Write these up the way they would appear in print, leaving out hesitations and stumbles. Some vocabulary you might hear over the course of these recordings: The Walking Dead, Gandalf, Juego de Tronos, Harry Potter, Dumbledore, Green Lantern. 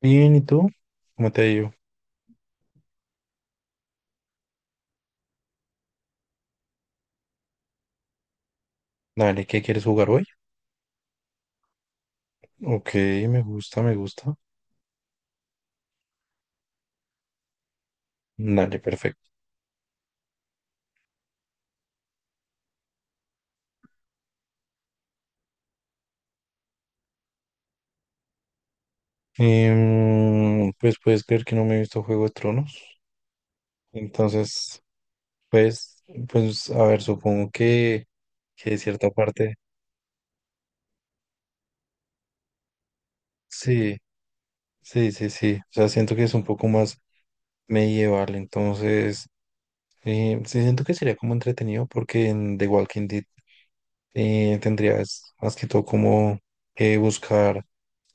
Bien, ¿y tú? ¿Cómo te digo? Dale, ¿qué quieres jugar hoy? Ok, me gusta, me gusta. Dale, perfecto. Pues puedes creer que no me he visto Juego de Tronos. Entonces, pues, pues, a ver, supongo que de cierta parte, sí, sí, sí, sí. O sea, siento que es un poco más medieval. Entonces, sí, siento que sería como entretenido porque en The Walking Dead tendrías más que todo como que buscar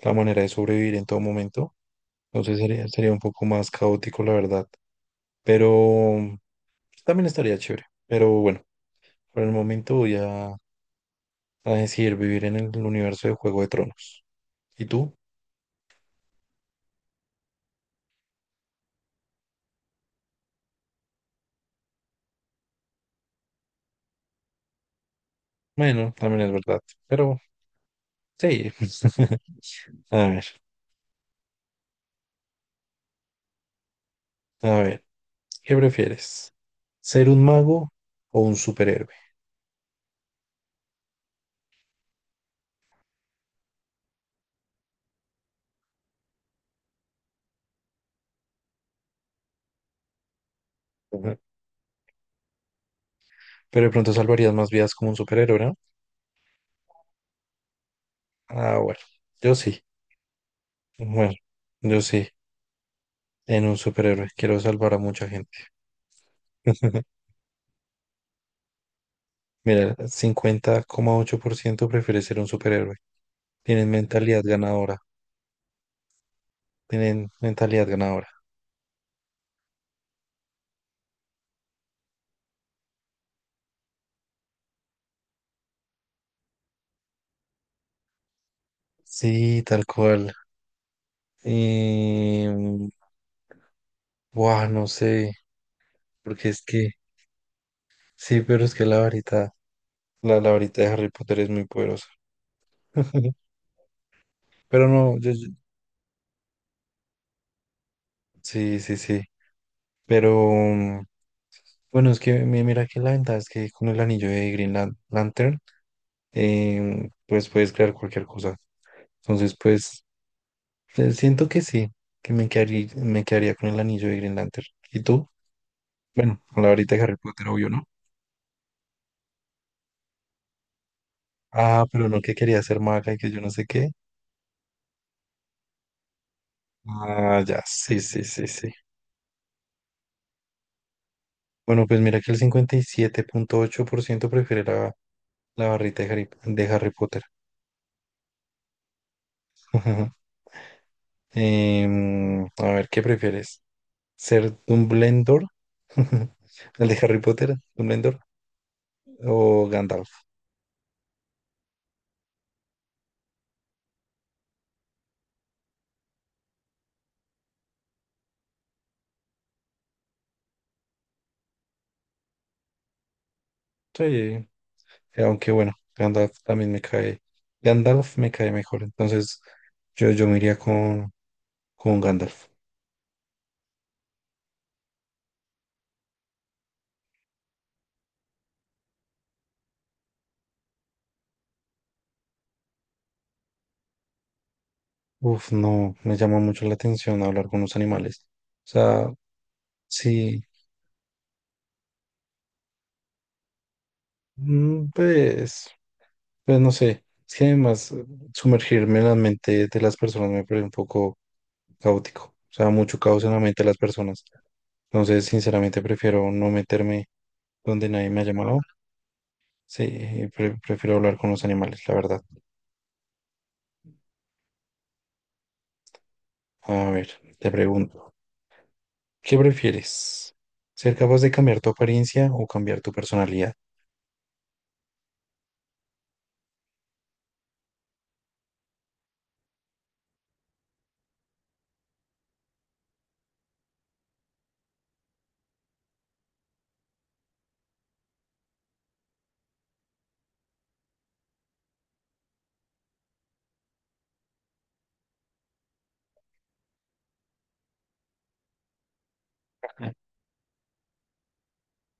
la manera de sobrevivir en todo momento. No sé, sería, sería un poco más caótico, la verdad. Pero también estaría chévere. Pero bueno, por el momento voy a decidir vivir en el universo de Juego de Tronos. ¿Y tú? Bueno, también es verdad. Pero sí. A ver, a ver, ¿qué prefieres? ¿Ser un mago o un superhéroe? Ujú. Pero de pronto salvarías más vidas como un superhéroe, ¿no? Ah, bueno, yo sí. Bueno, yo sí. En un superhéroe. Quiero salvar a mucha gente. Mira, 50,8% prefiere ser un superhéroe. Tienen mentalidad ganadora. Tienen mentalidad ganadora. Sí, tal cual. Y... Buah, no sé. Porque es que... Sí, pero es que la varita... La varita de Harry Potter es muy poderosa. Pero no, yo- yo- sí, sí, sí. Pero bueno, es que mi- mira que la ventaja es que con el anillo de Green Lan- Lantern, pues puedes crear cualquier cosa. Entonces, pues siento que sí, que me quedaría con el anillo de Green Lantern. ¿Y tú? Bueno, con la varita de Harry Potter, obvio, ¿no? Ah, pero no que quería ser maga y que yo no sé qué. Ah, ya, sí, sí, sí, sí. Bueno, pues mira que el 57,8% prefiere la, la barrita de Harry Potter. A ver, ¿qué prefieres? ¿Ser Dumbledore? ¿El de Harry Potter? ¿Dumbledore? ¿O Gandalf? Sí, aunque bueno, Gandalf también me cae. Gandalf me cae mejor. Entonces, yo me iría con Gandalf. Uf, no, me llama mucho la atención hablar con los animales. O sea, sí, pues, pues no sé. Es que además, sumergirme en la mente de las personas me parece un poco caótico. O sea, mucho caos en la mente de las personas. Entonces, sinceramente, prefiero no meterme donde nadie me ha llamado. Sí, pre- prefiero hablar con los animales, la verdad. A ver, te pregunto. ¿Qué prefieres? ¿Ser capaz de cambiar tu apariencia o cambiar tu personalidad?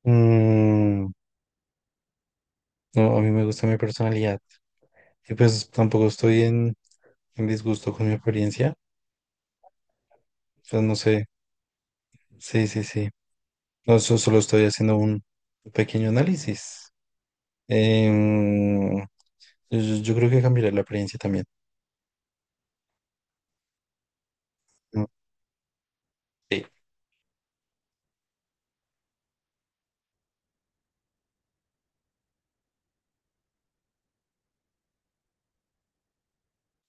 Mm, no, a mí me gusta mi personalidad. Y pues tampoco estoy en disgusto con mi apariencia. Pues no sé. Sí, sí, sí. No, so- solo estoy haciendo un pequeño análisis. Em, yo, yo- yo creo que cambiaré la apariencia también. Mm, sí.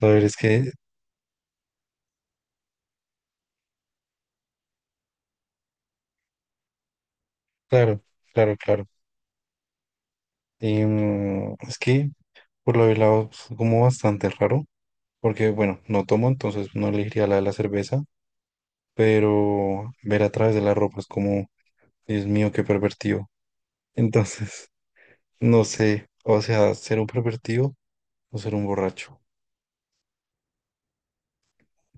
A ver, es que, claro, claro, claro. Es que por lo del lado, es como bastante raro. Porque, bueno, no tomo, entonces no elegiría la de la cerveza, pero ver a través de la ropa es como, Dios mío, qué pervertido. Entonces, no sé, o sea, ser un pervertido o ser un borracho.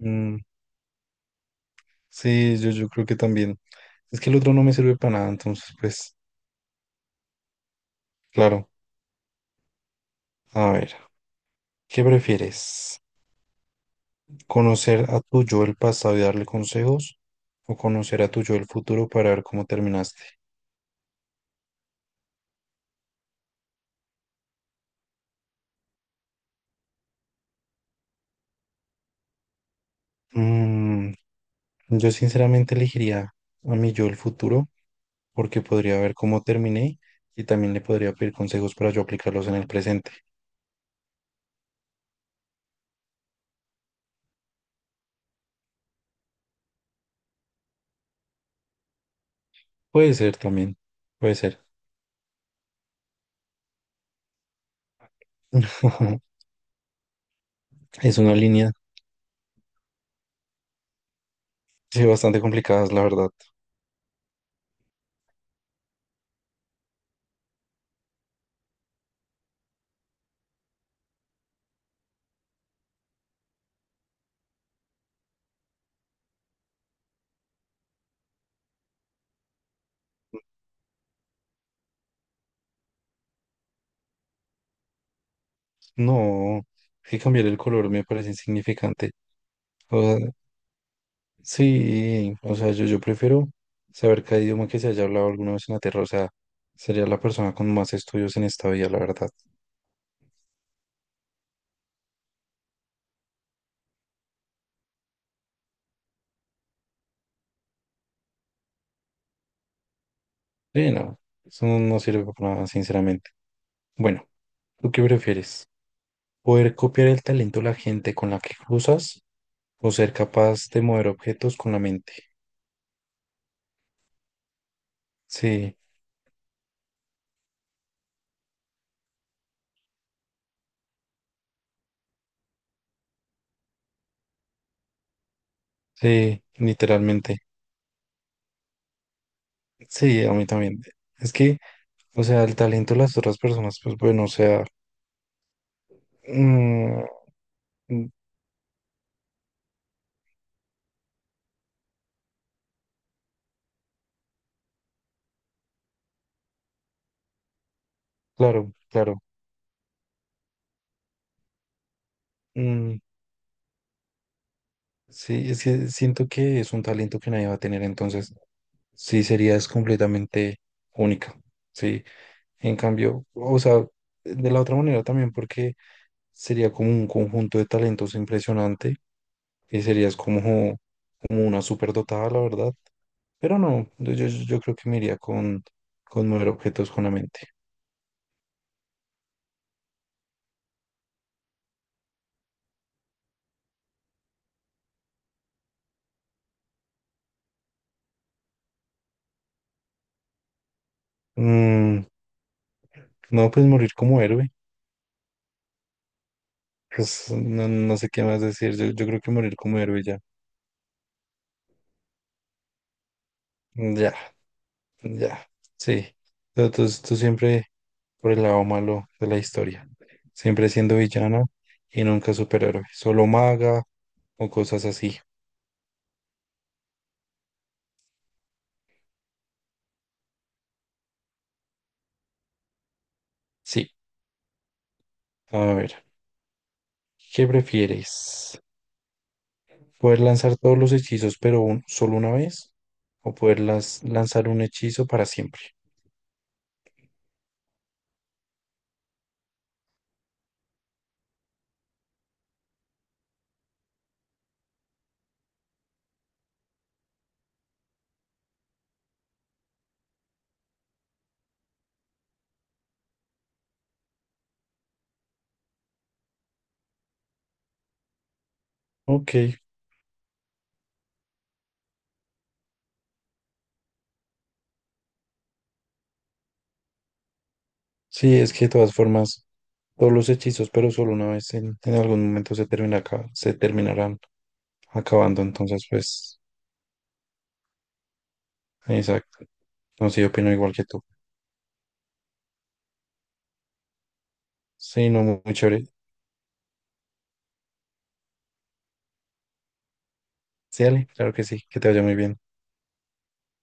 Mm, sí, yo creo que también. Es que el otro no me sirve para nada, entonces, pues, claro. A ver, ¿qué prefieres? ¿Conocer a tu yo del pasado y darle consejos? ¿O conocer a tu yo del futuro para ver cómo terminaste? Mm, yo sinceramente elegiría a mi yo del futuro porque podría ver cómo terminé y también le podría pedir consejos para yo aplicarlos en el presente. Puede ser también, puede ser. Es una línea, sí, bastante complicada, la verdad. No, que cambiar el color me parece insignificante. O sea, sí, o sea, yo prefiero saber cada idioma que se haya hablado alguna vez en la Tierra. O sea, sería la persona con más estudios en esta vida, la verdad. Sí, no, eso no, no sirve para nada, sinceramente. Bueno, ¿tú qué prefieres? Poder copiar el talento de la gente con la que cruzas o ser capaz de mover objetos con la mente. Sí, sí, literalmente. Sí, a mí también. Es que, o sea, el talento de las otras personas, pues bueno, o sea, mm, mm, claro, claro. Mm, sí, es que siento que es un talento que nadie va a tener, entonces sí serías completamente única. Sí, en cambio, o sea, de la otra manera también, porque sería como un conjunto de talentos impresionante que serías como, como una superdotada, la verdad. Pero no, yo- yo creo que me iría con mover objetos con la mente. Mm, no, pues morir como héroe. Pues no, no sé qué más decir. Yo creo que morir como héroe ya. Ya, ya. Sí. Tú- tú siempre por el lado malo de la historia. Siempre siendo villana y nunca superhéroe. Solo maga o cosas así. Sí. A ver, ¿qué prefieres? Poder lanzar todos los hechizos, pero un- solo una vez, o poder las- lanzar un hechizo para siempre. Ok, sí, es que de todas formas, todos los hechizos, pero solo una vez en algún momento se termina, acá- se terminarán acabando. Entonces, pues, exacto. No sé, yo opino igual que tú. Sí, no, muy muy chévere. Sí, dale, claro que sí, que te vaya muy bien.